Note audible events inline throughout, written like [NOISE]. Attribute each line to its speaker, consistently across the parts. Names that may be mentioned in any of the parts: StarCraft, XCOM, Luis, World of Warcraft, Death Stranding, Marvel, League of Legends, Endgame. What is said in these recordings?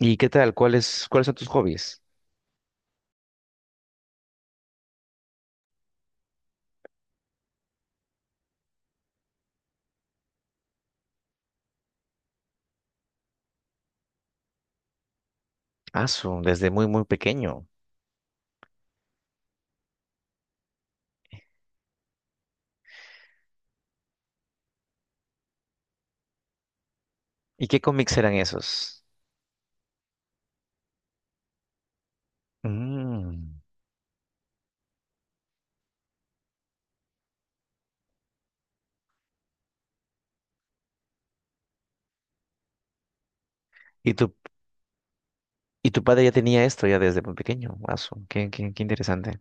Speaker 1: ¿Y qué tal? ¿Cuáles son tus hobbies? Desde muy, muy pequeño. ¿Y qué cómics eran esos? Mm. ¿Y tu, ¿Y tu padre ya tenía esto ya desde muy pequeño? Qué interesante.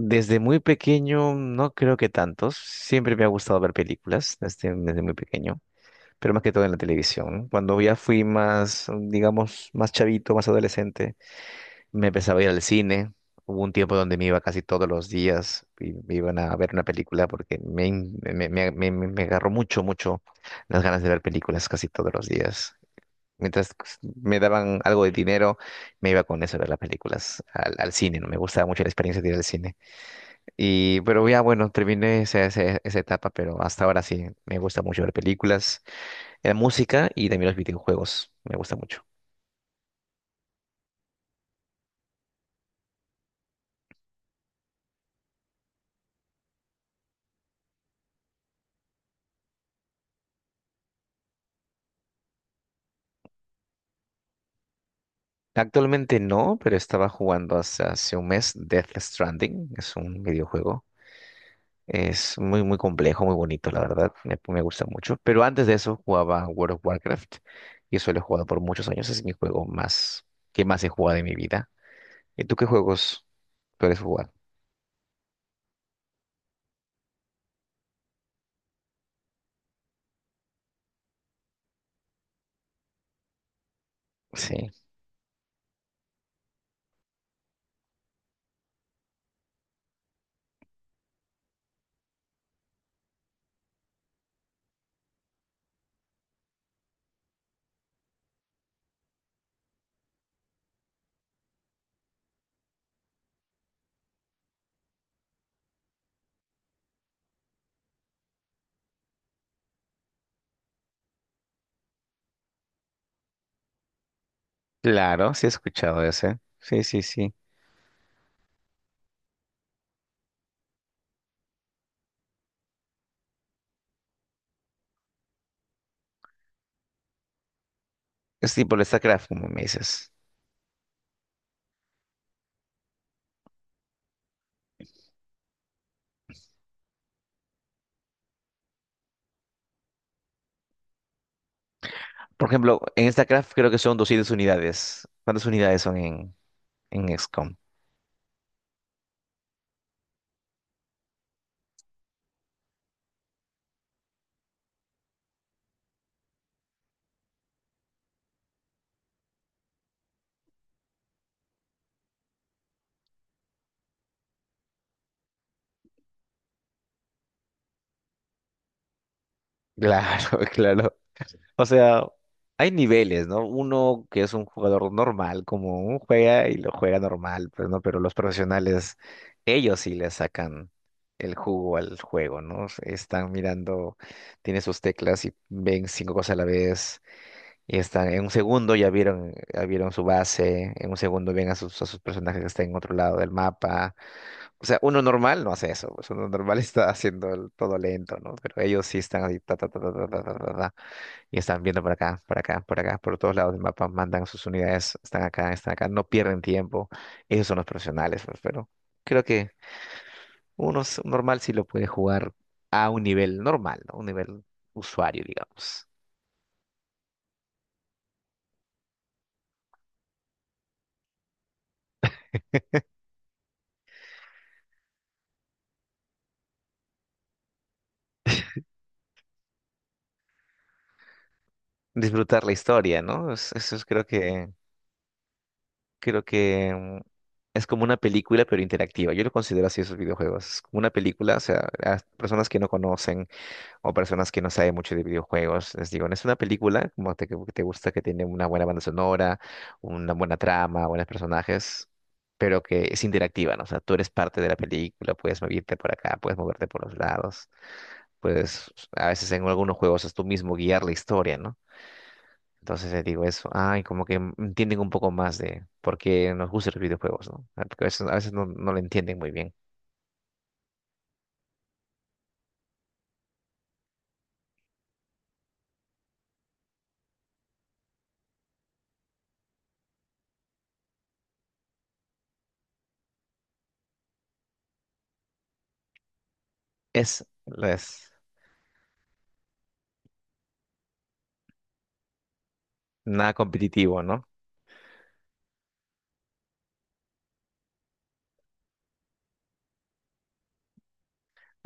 Speaker 1: Desde muy pequeño, no creo que tantos. Siempre me ha gustado ver películas desde muy pequeño, pero más que todo en la televisión. Cuando ya fui más, digamos, más chavito, más adolescente. Me empezaba a ir al cine. Hubo un tiempo donde me iba casi todos los días y me iban a ver una película porque me, in- me, me- me- me- me agarró mucho, mucho las ganas de ver películas casi todos los días. Mientras me daban algo de dinero, me iba con eso a ver las películas al cine, ¿no? Me gustaba mucho la experiencia de ir al cine. Pero terminé esa etapa, pero hasta ahora sí, me gusta mucho ver películas, la música y también los videojuegos, me gusta mucho. Actualmente no, pero estaba jugando hace un mes Death Stranding. Es un videojuego. Es muy, muy complejo, muy bonito, la verdad. Me gusta mucho. Pero antes de eso jugaba World of Warcraft. Y eso lo he jugado por muchos años. Es mi juego más que más he jugado en mi vida. ¿Y tú qué juegos sueles jugar? Sí. Claro, sí he escuchado ese. Sí, sí, sí. Es tipo el StarCraft, como me dices. Por ejemplo, en StarCraft creo que son 200 unidades. ¿Cuántas unidades son en XCOM? Claro, [LAUGHS] claro. O sea, hay niveles, ¿no? Uno que es un jugador normal, como un juega y lo juega normal, pues, ¿no? Pero los profesionales, ellos sí le sacan el jugo al juego, ¿no? Están mirando, tienen sus teclas y ven cinco cosas a la vez. Y están, en un segundo ya vieron su base, en un segundo ven a a sus personajes que están en otro lado del mapa. O sea, uno normal no hace eso, pues uno normal [LAUGHS] está haciendo todo lento, ¿no? Pero ellos sí están ahí, ta, ta, ta, ta, ta, ta, ta, ta, ta. Y están viendo por acá, por acá, por acá, por todos lados del mapa, mandan sus unidades, están acá, no pierden tiempo. Ellos son los profesionales, pues, pero creo que normal sí lo puede jugar a un nivel normal, ¿no? Un nivel usuario, digamos. Disfrutar la historia, ¿no? Es- Eso es, creo que es como una película, pero interactiva. Yo lo considero así esos videojuegos. Es como una película, o sea, las personas que no conocen o personas que no saben mucho de videojuegos. Les digo, no es una película que te gusta, que tiene una buena banda sonora, una buena trama, buenos personajes, pero que es interactiva, ¿no? O sea, tú eres parte de la película, puedes moverte por acá, puedes moverte por los lados, puedes, a veces en algunos juegos es tú mismo guiar la historia, ¿no? Entonces les digo eso, ay, como que entienden un poco más de por qué nos gustan los videojuegos, ¿no? Ah, porque a veces, no lo entienden muy bien. Es, es nada competitivo, ¿no?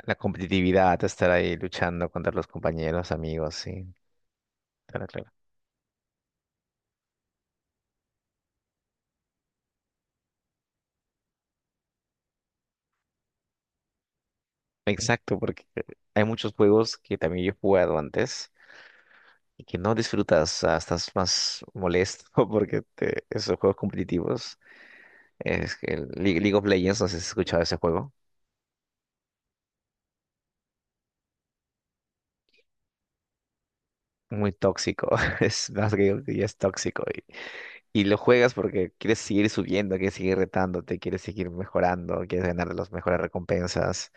Speaker 1: La competitividad, estar ahí luchando contra los compañeros, amigos, sí. Claro, claro. Exacto, porque hay muchos juegos que también yo he jugado antes y que no disfrutas, ah, estás más molesto [LAUGHS] esos juegos competitivos, es que League of Legends, no sé si has escuchado ese juego, muy tóxico, [LAUGHS] es más que ya es tóxico, y lo juegas porque quieres seguir subiendo, quieres seguir retándote, quieres seguir mejorando, quieres ganar las mejores recompensas.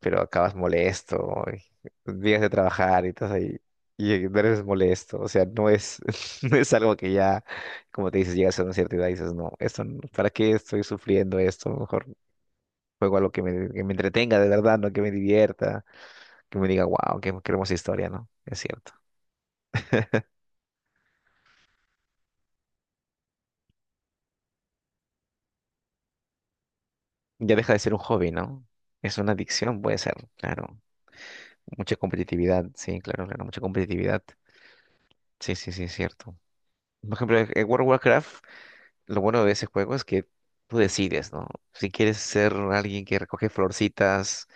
Speaker 1: Pero acabas molesto, y vienes de trabajar y estás ahí, y eres molesto, o sea, no es, [LAUGHS] no es algo que ya, como te dices, llegas a una cierta edad y dices, no, esto, no- ¿para qué estoy sufriendo esto? Mejor juego algo que que me entretenga de verdad, no que me divierta, que me diga, wow, qué, qué hermosa historia, ¿no? Es cierto. Ya deja de ser un hobby, ¿no? Es una adicción, puede ser, claro. Mucha competitividad, sí, claro, claro, mucha competitividad. Sí, sí, sí, es cierto. Por ejemplo, en World of Warcraft lo bueno de ese juego es que tú decides, ¿no? Si quieres ser alguien que recoge florcitas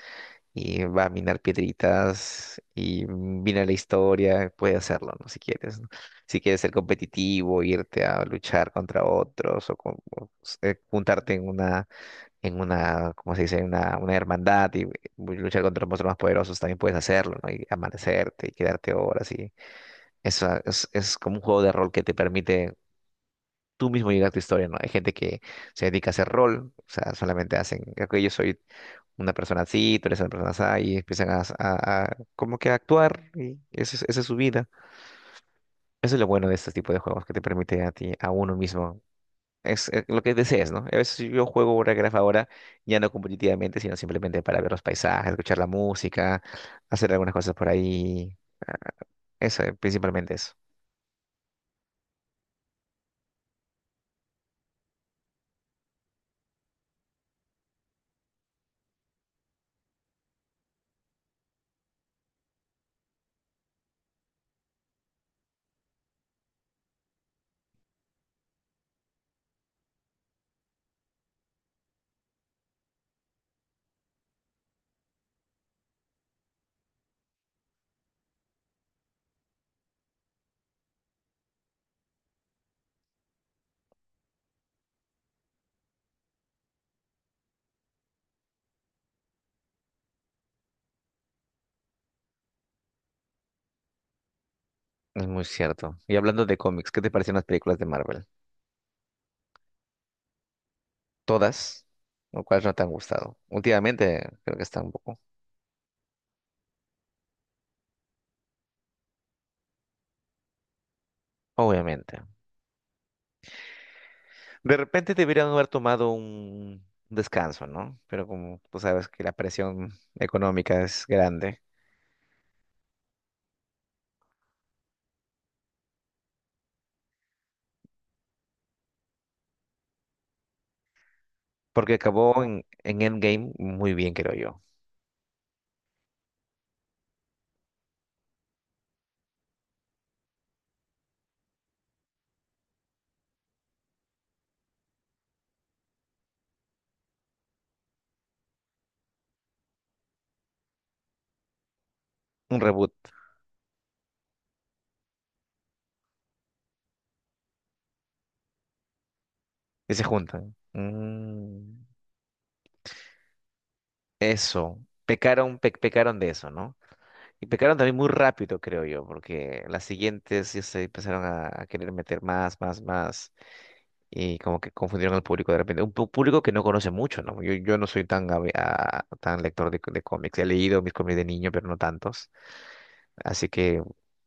Speaker 1: y va a minar piedritas y mina la historia, puedes hacerlo, ¿no? Si quieres, ¿no? Si quieres ser competitivo, irte a luchar contra otros o juntarte en una, ¿cómo se dice? Una hermandad y luchar contra los monstruos más poderosos, también puedes hacerlo, ¿no? Y amanecerte y quedarte horas y eso es como un juego de rol que te permite tú mismo llegas a tu historia, ¿no? Hay gente que se dedica a hacer rol, o sea, solamente hacen, creo que yo soy una persona así, tú eres una persona así, y empiezan a como que a actuar, y esa es su vida. Eso es lo bueno de este tipo de juegos, que te permite a ti, a uno mismo, es lo que desees, ¿no? A veces si yo juego Warcraft ahora, ya no competitivamente, sino simplemente para ver los paisajes, escuchar la música, hacer algunas cosas por ahí, eso, principalmente eso. Es muy cierto. Y hablando de cómics, ¿qué te parecen las películas de Marvel? Todas, lo cual no te han gustado. Últimamente creo que están un poco, obviamente. De repente deberían haber tomado un descanso, ¿no? Pero como tú sabes que la presión económica es grande, porque acabó en Endgame muy bien, creo yo. Un reboot y se juntan. Mm. Eso, pecaron de eso, ¿no? Y pecaron también muy rápido, creo yo, porque las siguientes ya se empezaron a querer meter más, más, más, y como que confundieron al público de repente. Un público que no conoce mucho, ¿no? Yo no soy tan, tan lector de cómics. He leído mis cómics de niño, pero no tantos. Así que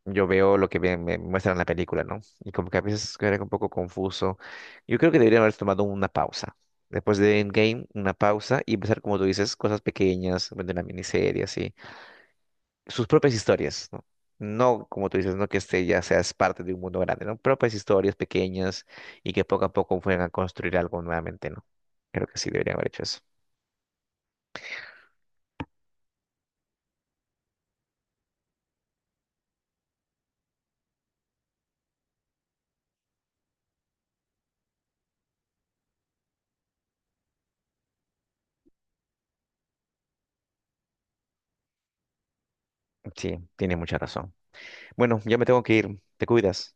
Speaker 1: yo veo lo que me muestran en la película, ¿no? Y como que a veces era un poco confuso. Yo creo que debería haber tomado una pausa. Después de Endgame, una pausa y empezar, como tú dices, cosas pequeñas, bueno, de una miniserie, así. Sus propias historias, ¿no? No, como tú dices, no que este ya seas parte de un mundo grande, ¿no? Propias historias pequeñas y que poco a poco fueran a construir algo nuevamente, ¿no? Creo que sí deberían haber hecho eso. Sí, tiene mucha razón. Bueno, ya me tengo que ir. Te cuidas.